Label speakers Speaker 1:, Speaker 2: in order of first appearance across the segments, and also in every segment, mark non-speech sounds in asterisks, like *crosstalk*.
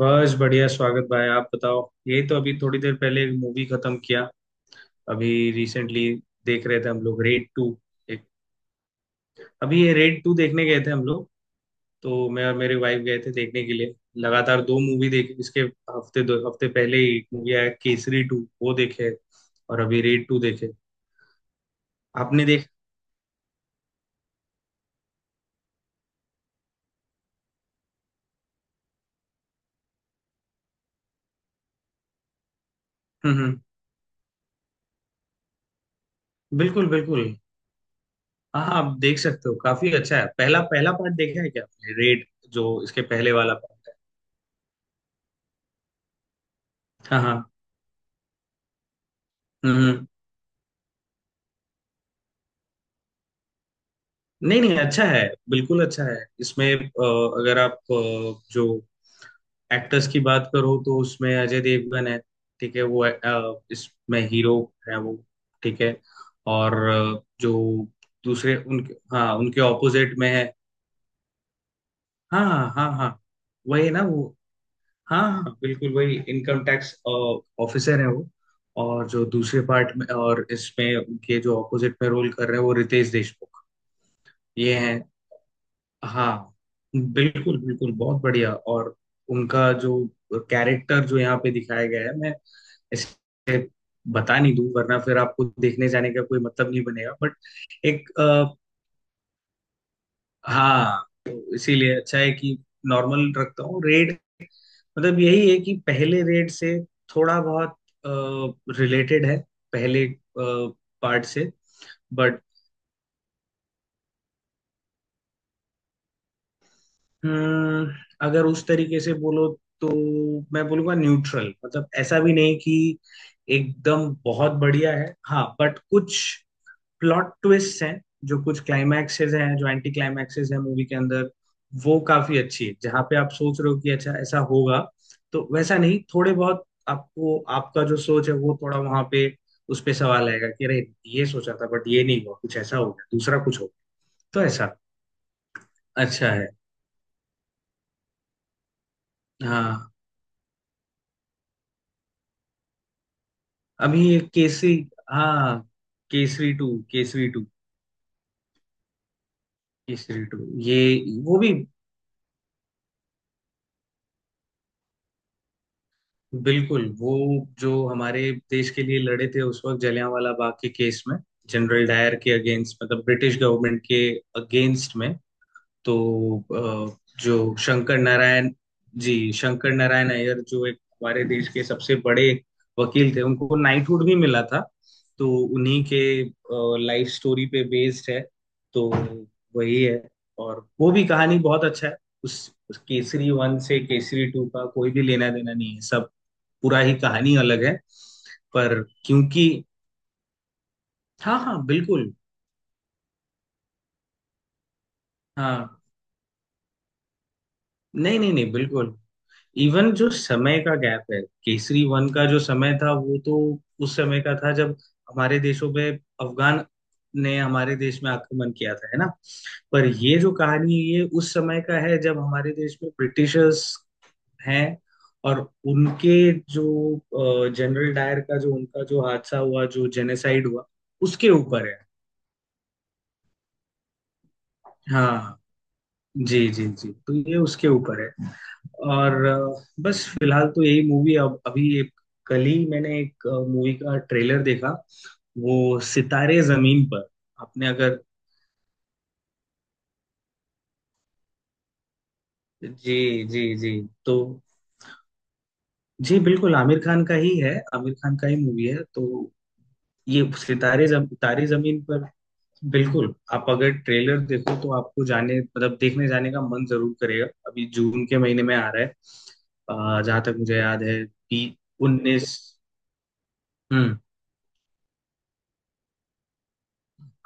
Speaker 1: बस बढ़िया। स्वागत भाई, आप बताओ। यही तो अभी थोड़ी देर पहले एक मूवी खत्म किया। अभी रिसेंटली देख रहे थे हम लोग, रेड टू। एक, अभी ये रेड टू देखने गए थे हम लोग। तो मैं और मेरे वाइफ गए थे देखने के लिए। लगातार दो मूवी देखी। इसके हफ्ते 2 हफ्ते पहले ही एक मूवी आया, केसरी टू, वो देखे। और अभी रेड टू देखे। आपने देख। हम्म। बिल्कुल बिल्कुल। हाँ हाँ, आप देख सकते हो, काफी अच्छा है। पहला पहला पार्ट देखा है क्या आपने? रेड, जो इसके पहले वाला पार्ट है। हाँ हाँ। हम्म हम्म। नहीं नहीं, अच्छा है। बिल्कुल अच्छा है। इसमें अगर आप जो एक्टर्स की बात करो, तो उसमें अजय देवगन है। ठीक है, वो इसमें हीरो है। वो ठीक है। और जो दूसरे उनके, हाँ, उनके ऑपोजिट में है। हाँ हाँ हाँ हाँ, वही ना, वो हाँ हाँ, बिल्कुल वही। इनकम टैक्स ऑफिसर है वो। और जो दूसरे पार्ट में और इसमें उनके जो ऑपोजिट में रोल कर रहे हैं, वो रितेश देशमुख। ये हैं। हाँ, बिल्कुल बिल्कुल, बहुत बढ़िया। और उनका जो कैरेक्टर जो यहाँ पे दिखाया गया है, मैं इसे बता नहीं दूं, वरना फिर आपको देखने जाने का कोई मतलब नहीं बनेगा। बट एक हाँ, तो इसीलिए अच्छा है कि नॉर्मल रखता हूँ। रेड मतलब यही है कि पहले रेड से थोड़ा बहुत रिलेटेड है पहले पार्ट से। बट हम्म, अगर उस तरीके से बोलो, तो मैं बोलूंगा न्यूट्रल। मतलब ऐसा भी नहीं कि एकदम बहुत बढ़िया है, हाँ, बट कुछ प्लॉट ट्विस्ट हैं, जो कुछ क्लाइमैक्सेस हैं, जो एंटी क्लाइमैक्सेस हैं मूवी के अंदर, वो काफी अच्छी है। जहाँ पे आप सोच रहे हो कि अच्छा ऐसा होगा, तो वैसा नहीं। थोड़े बहुत आपको, आपका जो सोच है वो थोड़ा वहां पे उस पे सवाल आएगा कि अरे, ये सोचा था बट ये नहीं हुआ, कुछ ऐसा हो गया, दूसरा कुछ हो गया। तो ऐसा अच्छा है। हाँ, अभी ये केसरी, हाँ, Kesari two. Kesari two, Kesari two. ये वो भी बिल्कुल। वो जो हमारे देश के लिए लड़े थे उस वक्त, जलियांवाला बाग के केस में, जनरल डायर के अगेंस्ट, मतलब ब्रिटिश गवर्नमेंट के अगेंस्ट में। तो अ, जो शंकर नारायण, जी, शंकर नारायण अय्यर, जो एक हमारे देश के सबसे बड़े वकील थे, उनको नाइटहुड भी मिला था। तो उन्हीं के लाइफ स्टोरी पे बेस्ड है। तो वही है। और वो भी कहानी बहुत अच्छा है। उस केसरी वन से केसरी टू का कोई भी लेना देना नहीं है सब। पूरा ही कहानी अलग है। पर क्योंकि हाँ हाँ बिल्कुल। हाँ, नहीं नहीं नहीं बिल्कुल। इवन जो समय का गैप है, केसरी वन का जो समय था वो तो उस समय का था जब हमारे देशों पे अफगान ने हमारे देश में आक्रमण किया था, है ना। पर ये जो कहानी है, ये उस समय का है जब हमारे देश में ब्रिटिशर्स हैं। और उनके जो जनरल डायर का, जो उनका जो हादसा हुआ, जो जेनेसाइड हुआ, उसके ऊपर है। हाँ, जी, जी, जी। तो ये उसके ऊपर है। और बस फिलहाल तो यही मूवी। अब अभी एक कल ही मैंने एक मूवी का ट्रेलर देखा, वो सितारे जमीन पर। आपने अगर, जी जी जी, तो जी, बिल्कुल आमिर खान का ही है, आमिर खान का ही मूवी है तो। ये तारे जमीन पर। बिल्कुल, आप अगर ट्रेलर देखो तो आपको जाने मतलब देखने जाने का मन जरूर करेगा। अभी जून के महीने में आ रहा है जहां तक मुझे याद है, बी उन्नीस। हम्म।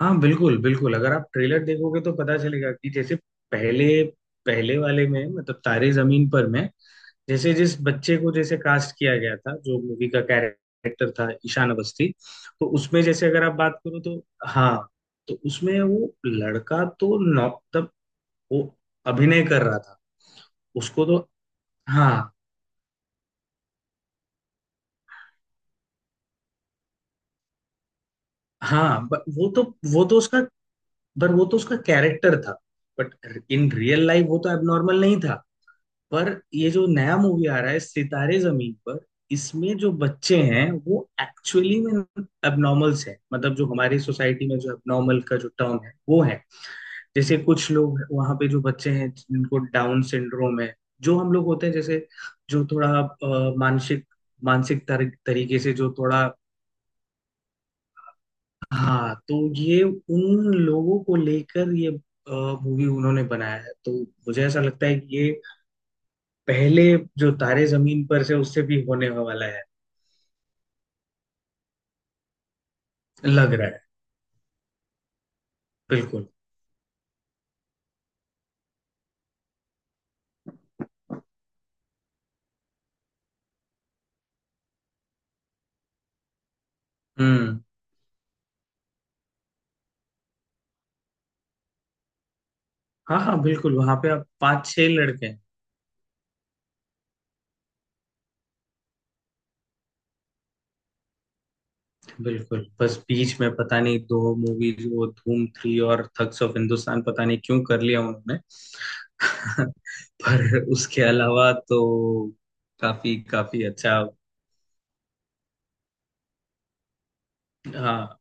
Speaker 1: हाँ बिल्कुल बिल्कुल, अगर आप ट्रेलर देखोगे तो पता चलेगा कि जैसे पहले, पहले वाले में मतलब तारे जमीन पर में, जैसे जिस बच्चे को जैसे कास्ट किया गया था, जो मूवी का कैरेक्टर था, ईशान अवस्थी, तो उसमें जैसे अगर आप बात करो तो हाँ, तो उसमें वो लड़का तो नौ, वो अभिनय कर रहा था। उसको तो हाँ हाँ, but वो तो उसका, पर वो तो उसका कैरेक्टर था। बट इन रियल लाइफ वो तो एबनॉर्मल नहीं था। पर ये जो नया मूवी आ रहा है, सितारे जमीन पर, इसमें जो बच्चे हैं वो एक्चुअली में एबनॉर्मल्स हैं। मतलब जो हमारी सोसाइटी में जो एबनॉर्मल का जो टर्म है वो है। जैसे कुछ लोग वहां पे जो बच्चे हैं जिनको डाउन सिंड्रोम है, जो हम लोग होते हैं जैसे, जो थोड़ा मानसिक, तरीके से जो थोड़ा, हाँ, तो ये उन लोगों को लेकर ये मूवी उन्होंने बनाया है। तो मुझे ऐसा लगता है कि ये पहले जो तारे जमीन पर से, उससे भी होने वाला है, लग रहा है। बिल्कुल। हम्म। हाँ हाँ बिल्कुल, वहां पे आप पांच छह लड़के हैं। बिल्कुल, बस बीच में पता नहीं दो मूवीज, वो धूम थ्री और थग्स ऑफ हिंदुस्तान, पता नहीं क्यों कर लिया उन्होंने। *laughs* पर उसके अलावा तो काफी काफी अच्छा। हाँ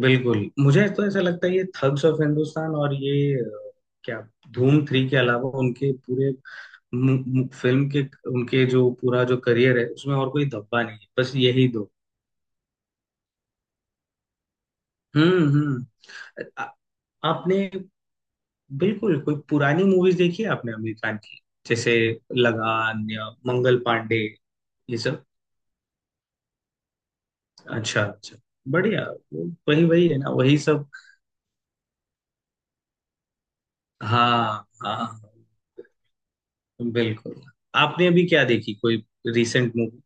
Speaker 1: बिल्कुल, मुझे तो ऐसा लगता है ये थग्स ऑफ हिंदुस्तान और ये अ, क्या, धूम थ्री के अलावा, उनके पूरे मु- मु- फिल्म के, उनके जो पूरा जो करियर है, उसमें और कोई धब्बा नहीं है, बस यही दो। हम्म। आ- आपने, बिल्कुल, कोई पुरानी मूवीज देखी है आपने आमिर खान की, जैसे लगान या मंगल पांडे, ये सब? अच्छा अच्छा, बढ़िया। वही वही है ना, वही सब? हाँ हाँ बिल्कुल। आपने अभी क्या देखी कोई रिसेंट मूवी?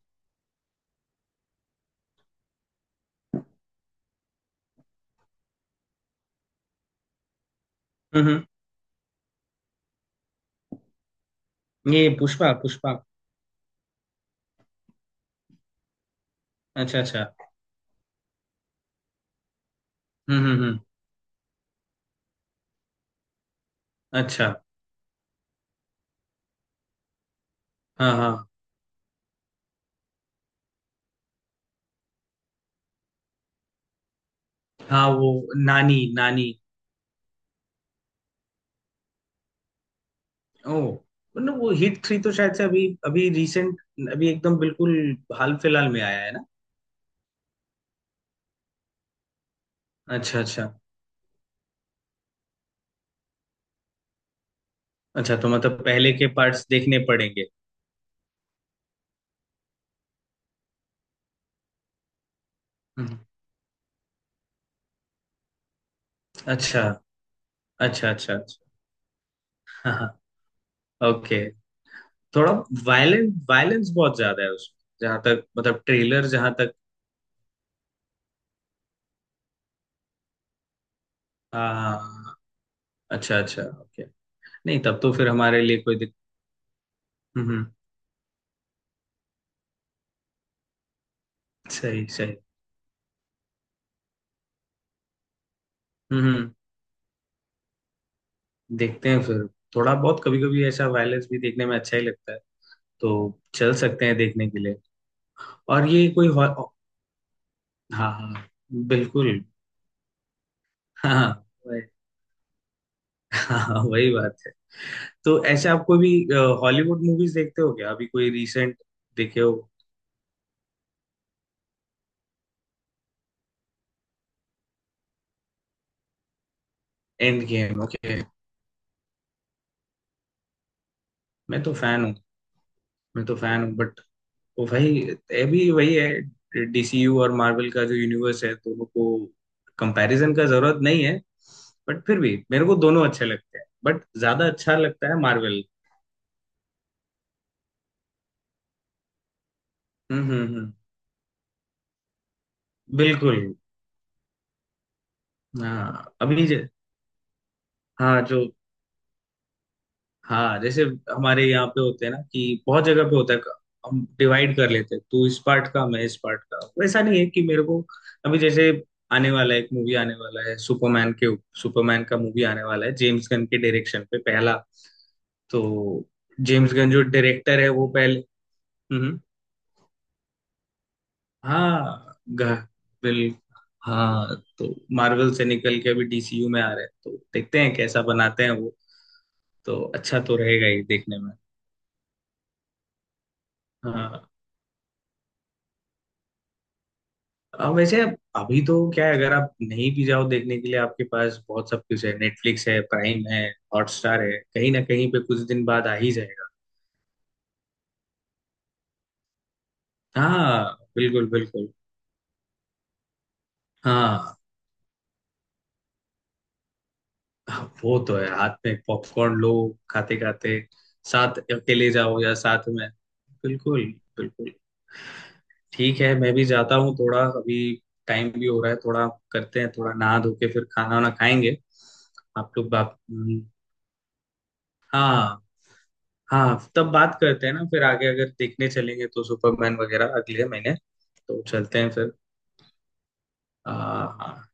Speaker 1: हम्म। ये पुष्पा, पुष्पा। अच्छा अच्छा। हम्म। अच्छा। हाँ हाँ हाँ, वो नानी, नानी। ओ, मतलब वो हिट थ्री तो शायद से अभी अभी रिसेंट, अभी एकदम बिल्कुल हाल फिलहाल में आया है ना। अच्छा अच्छा अच्छा, तो मतलब पहले के पार्ट्स देखने पड़ेंगे। हम्म। अच्छा अच्छा अच्छा अच्छा। हाँ हाँ। ओके। थोड़ा वायलेंस, वायलेंस बहुत ज्यादा है उसमें, जहाँ तक मतलब ट्रेलर जहाँ तक। हाँ हाँ, हाँ। अच्छा अच्छा, ओके, नहीं, तब तो फिर हमारे लिए कोई दिक। हम्म। सही सही। हम्म। देखते हैं फिर, थोड़ा बहुत कभी कभी ऐसा वायलेंस भी देखने में अच्छा ही लगता है, तो चल सकते हैं देखने के लिए। और ये कोई हाँ हाँ बिल्कुल। हाँ हाँ, वही। हाँ, हाँ, वही बात है। तो ऐसे, आपको भी, हॉलीवुड मूवीज देखते हो क्या, अभी कोई रिसेंट देखे हो? Endgame, okay. मैं तो फैन हूँ, मैं तो फैन हूँ बट वो, भाई अभी वही है, डीसीयू और मार्वल का जो यूनिवर्स है, दोनों को कंपैरिजन का जरूरत नहीं है। बट फिर भी मेरे को दोनों अच्छे लगते हैं, बट ज्यादा अच्छा लगता है मार्वल। हम्म। बिल्कुल। हाँ, अभी हाँ जो, हाँ जैसे हमारे यहाँ पे होते हैं ना, कि बहुत जगह पे होता है, हम डिवाइड कर लेते हैं, तू इस पार्ट का मैं इस पार्ट का, वैसा नहीं है कि मेरे को। अभी जैसे आने वाला है एक मूवी, आने वाला है सुपरमैन के, सुपरमैन का मूवी आने वाला है जेम्स गन के डायरेक्शन पे पहला। तो जेम्स गन जो डायरेक्टर है वो पहले, हम्म, हाँ बिल हाँ, तो मार्वल से निकल के अभी डीसीयू में आ रहे हैं, तो देखते हैं कैसा बनाते हैं वो। तो अच्छा तो रहेगा ही देखने में। हाँ। अब वैसे अब अभी तो क्या है, अगर आप नहीं भी जाओ देखने के लिए, आपके पास बहुत सब कुछ है, नेटफ्लिक्स है, प्राइम है, हॉटस्टार है, कहीं ना कहीं पे कुछ दिन बाद आ ही जाएगा। हाँ बिल्कुल बिल्कुल। हाँ हाँ, वो तो है, हाथ में पॉपकॉर्न लो, खाते खाते, साथ अकेले जाओ या साथ में, बिल्कुल बिल्कुल। ठीक है, मैं भी जाता हूँ थोड़ा अभी, टाइम भी हो रहा है थोड़ा, करते हैं थोड़ा नहा धो के फिर खाना वाना खाएंगे। आप लोग बात, हाँ, हाँ तब बात करते हैं ना फिर आगे, अगर देखने चलेंगे तो सुपरमैन वगैरह अगले महीने, तो चलते हैं फिर। हाँ।